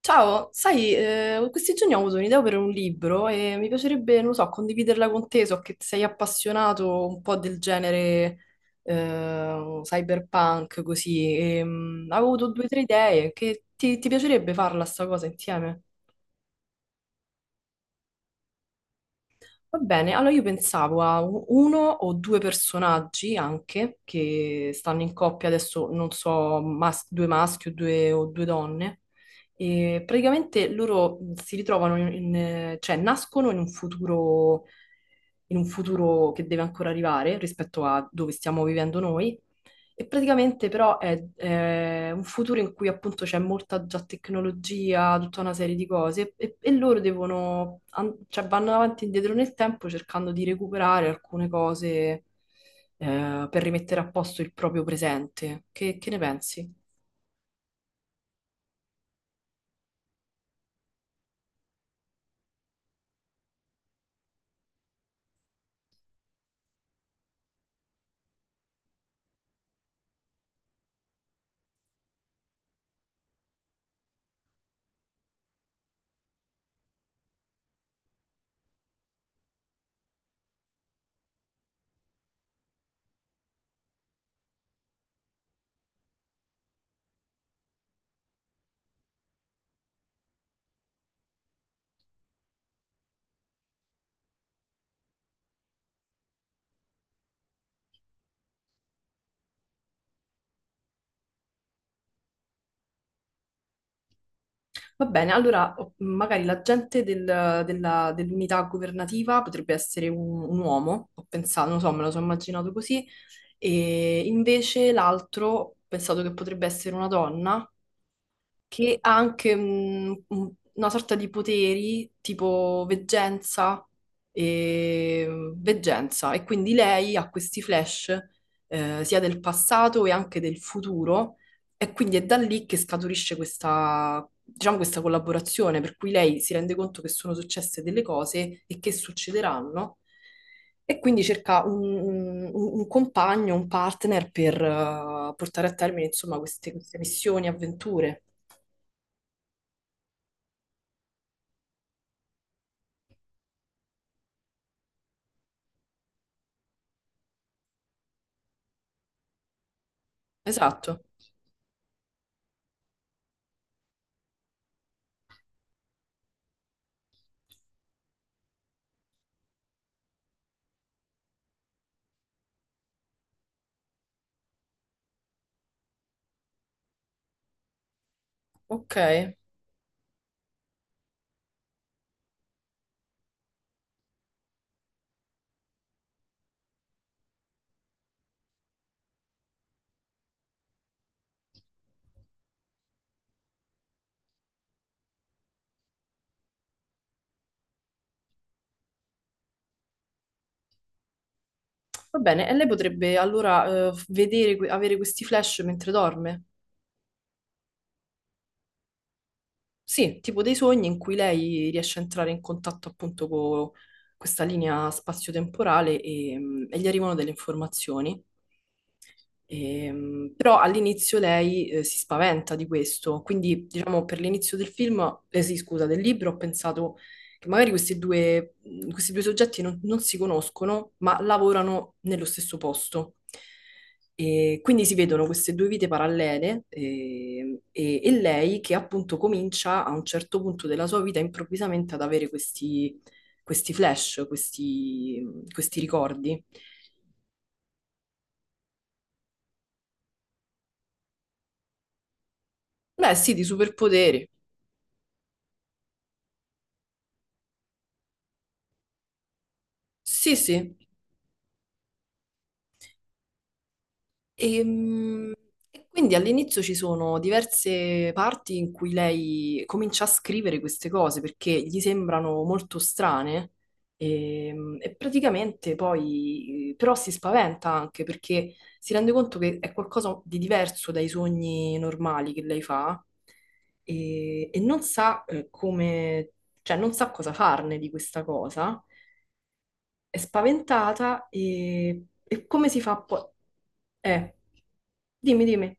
Ciao, sai, questi giorni ho avuto un'idea per un libro e mi piacerebbe, non lo so, condividerla con te, so che sei appassionato un po' del genere cyberpunk, così. Avevo avuto due o tre idee, che ti piacerebbe farla sta cosa insieme? Va bene, allora io pensavo a uno o due personaggi anche che stanno in coppia, adesso non so, due maschi o due donne, e praticamente loro si ritrovano, cioè nascono in un futuro che deve ancora arrivare rispetto a dove stiamo vivendo noi e praticamente però è un futuro in cui appunto c'è molta già tecnologia, tutta una serie di cose e loro cioè vanno avanti e indietro nel tempo cercando di recuperare alcune cose per rimettere a posto il proprio presente. Che ne pensi? Va bene, allora magari l'agente dell'unità governativa potrebbe essere un uomo, ho pensato, non so, me lo sono immaginato così, e invece l'altro ho pensato che potrebbe essere una donna che ha anche una sorta di poteri tipo e veggenza e quindi lei ha questi flash sia del passato e anche del futuro e quindi è da lì che scaturisce questa, diciamo, questa collaborazione per cui lei si rende conto che sono successe delle cose e che succederanno. E quindi cerca un compagno, un partner per portare a termine, insomma, queste missioni, avventure. Esatto, ok, va bene. E lei potrebbe allora avere questi flash mentre dorme? Sì, tipo dei sogni in cui lei riesce a entrare in contatto appunto con questa linea spazio-temporale e gli arrivano delle informazioni. Però all'inizio lei si spaventa di questo, quindi diciamo per l'inizio del film, sì, scusa, del libro ho pensato che magari questi due soggetti non si conoscono, ma lavorano nello stesso posto. E quindi si vedono queste due vite parallele e lei che appunto comincia a un certo punto della sua vita improvvisamente ad avere questi flash, questi ricordi. Beh, sì, di superpoteri. Sì, sì. Ehm, E quindi all'inizio ci sono diverse parti in cui lei comincia a scrivere queste cose perché gli sembrano molto strane e, praticamente poi però si spaventa anche perché si rende conto che è qualcosa di diverso dai sogni normali che lei fa e non sa come, cioè non sa cosa farne di questa cosa, è spaventata e come si fa poi? Eh, Dimmi, dimmi.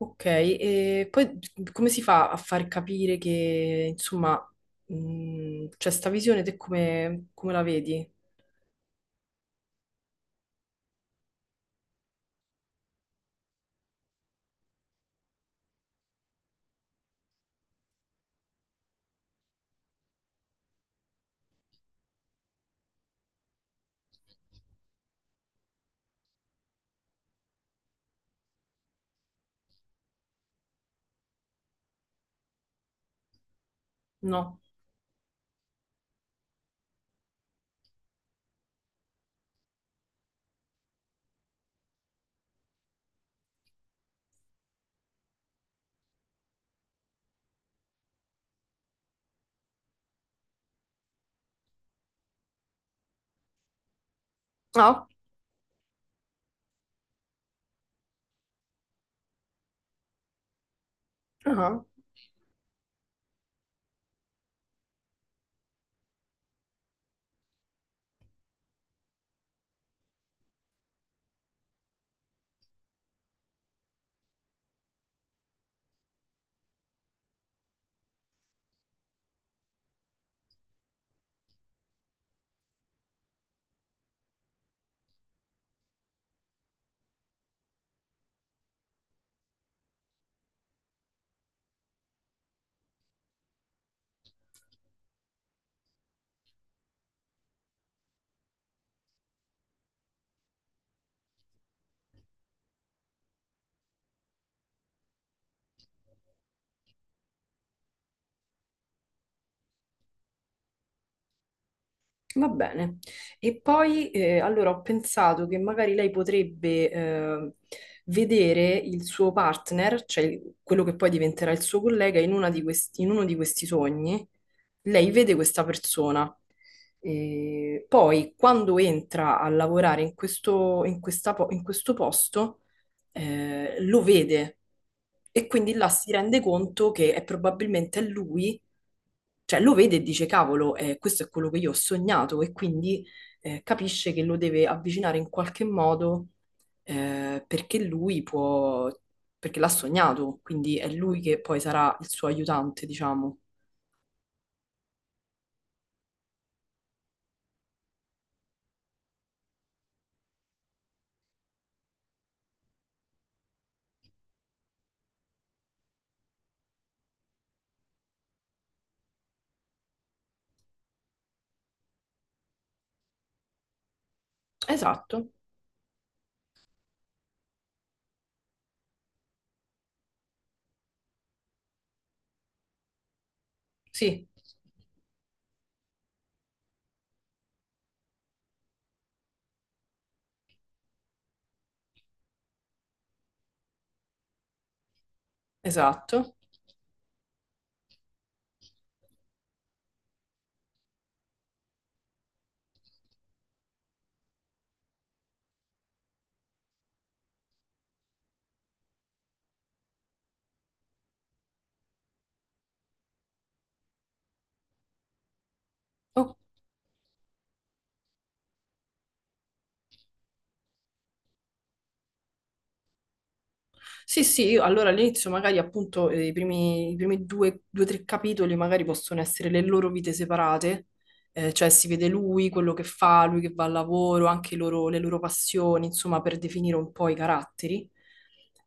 Ok, e poi come si fa a far capire che, insomma, c'è sta visione, te come la vedi? No. No? Ah. Va bene. E poi allora ho pensato che magari lei potrebbe vedere il suo partner, cioè quello che poi diventerà il suo collega, in uno di questi sogni. Lei vede questa persona. E poi, quando entra a lavorare in questo, in questa po- in questo posto, lo vede e quindi là si rende conto che è probabilmente lui, cioè lo vede e dice, cavolo, questo è quello che io ho sognato e quindi capisce che lo deve avvicinare in qualche modo, perché lui può, perché l'ha sognato, quindi è lui che poi sarà il suo aiutante, diciamo. Esatto, sì, esatto. Sì, sì, io allora all'inizio magari appunto i primi due, tre capitoli magari possono essere le loro vite separate, cioè si vede lui, quello che fa, lui che va al lavoro, anche le loro passioni, insomma, per definire un po' i caratteri.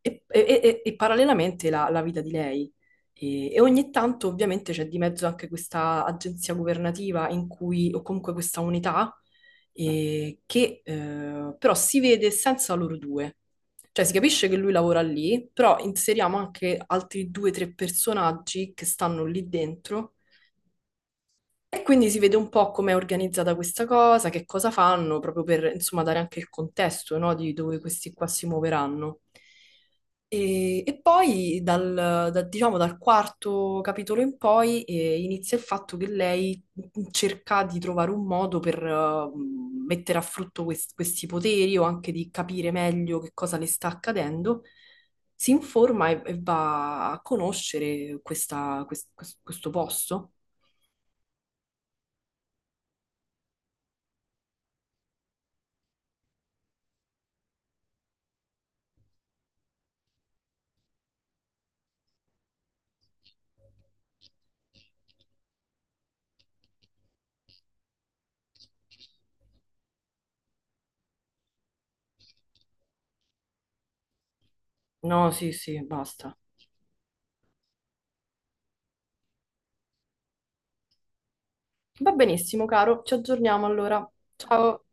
E parallelamente la vita di lei. E ogni tanto ovviamente c'è di mezzo anche questa agenzia governativa in cui, o comunque questa unità, che però si vede senza loro due. Cioè si capisce che lui lavora lì, però inseriamo anche altri due o tre personaggi che stanno lì dentro e quindi si vede un po' come è organizzata questa cosa, che cosa fanno, proprio per insomma dare anche il contesto, no, di dove questi qua si muoveranno. E poi diciamo, dal quarto capitolo in poi inizia il fatto che lei cerca di trovare un modo per mettere a frutto questi poteri o anche di capire meglio che cosa le sta accadendo. Si informa e va a conoscere questo posto. No, sì, sì, basta. Va benissimo, caro. Ci aggiorniamo allora. Ciao.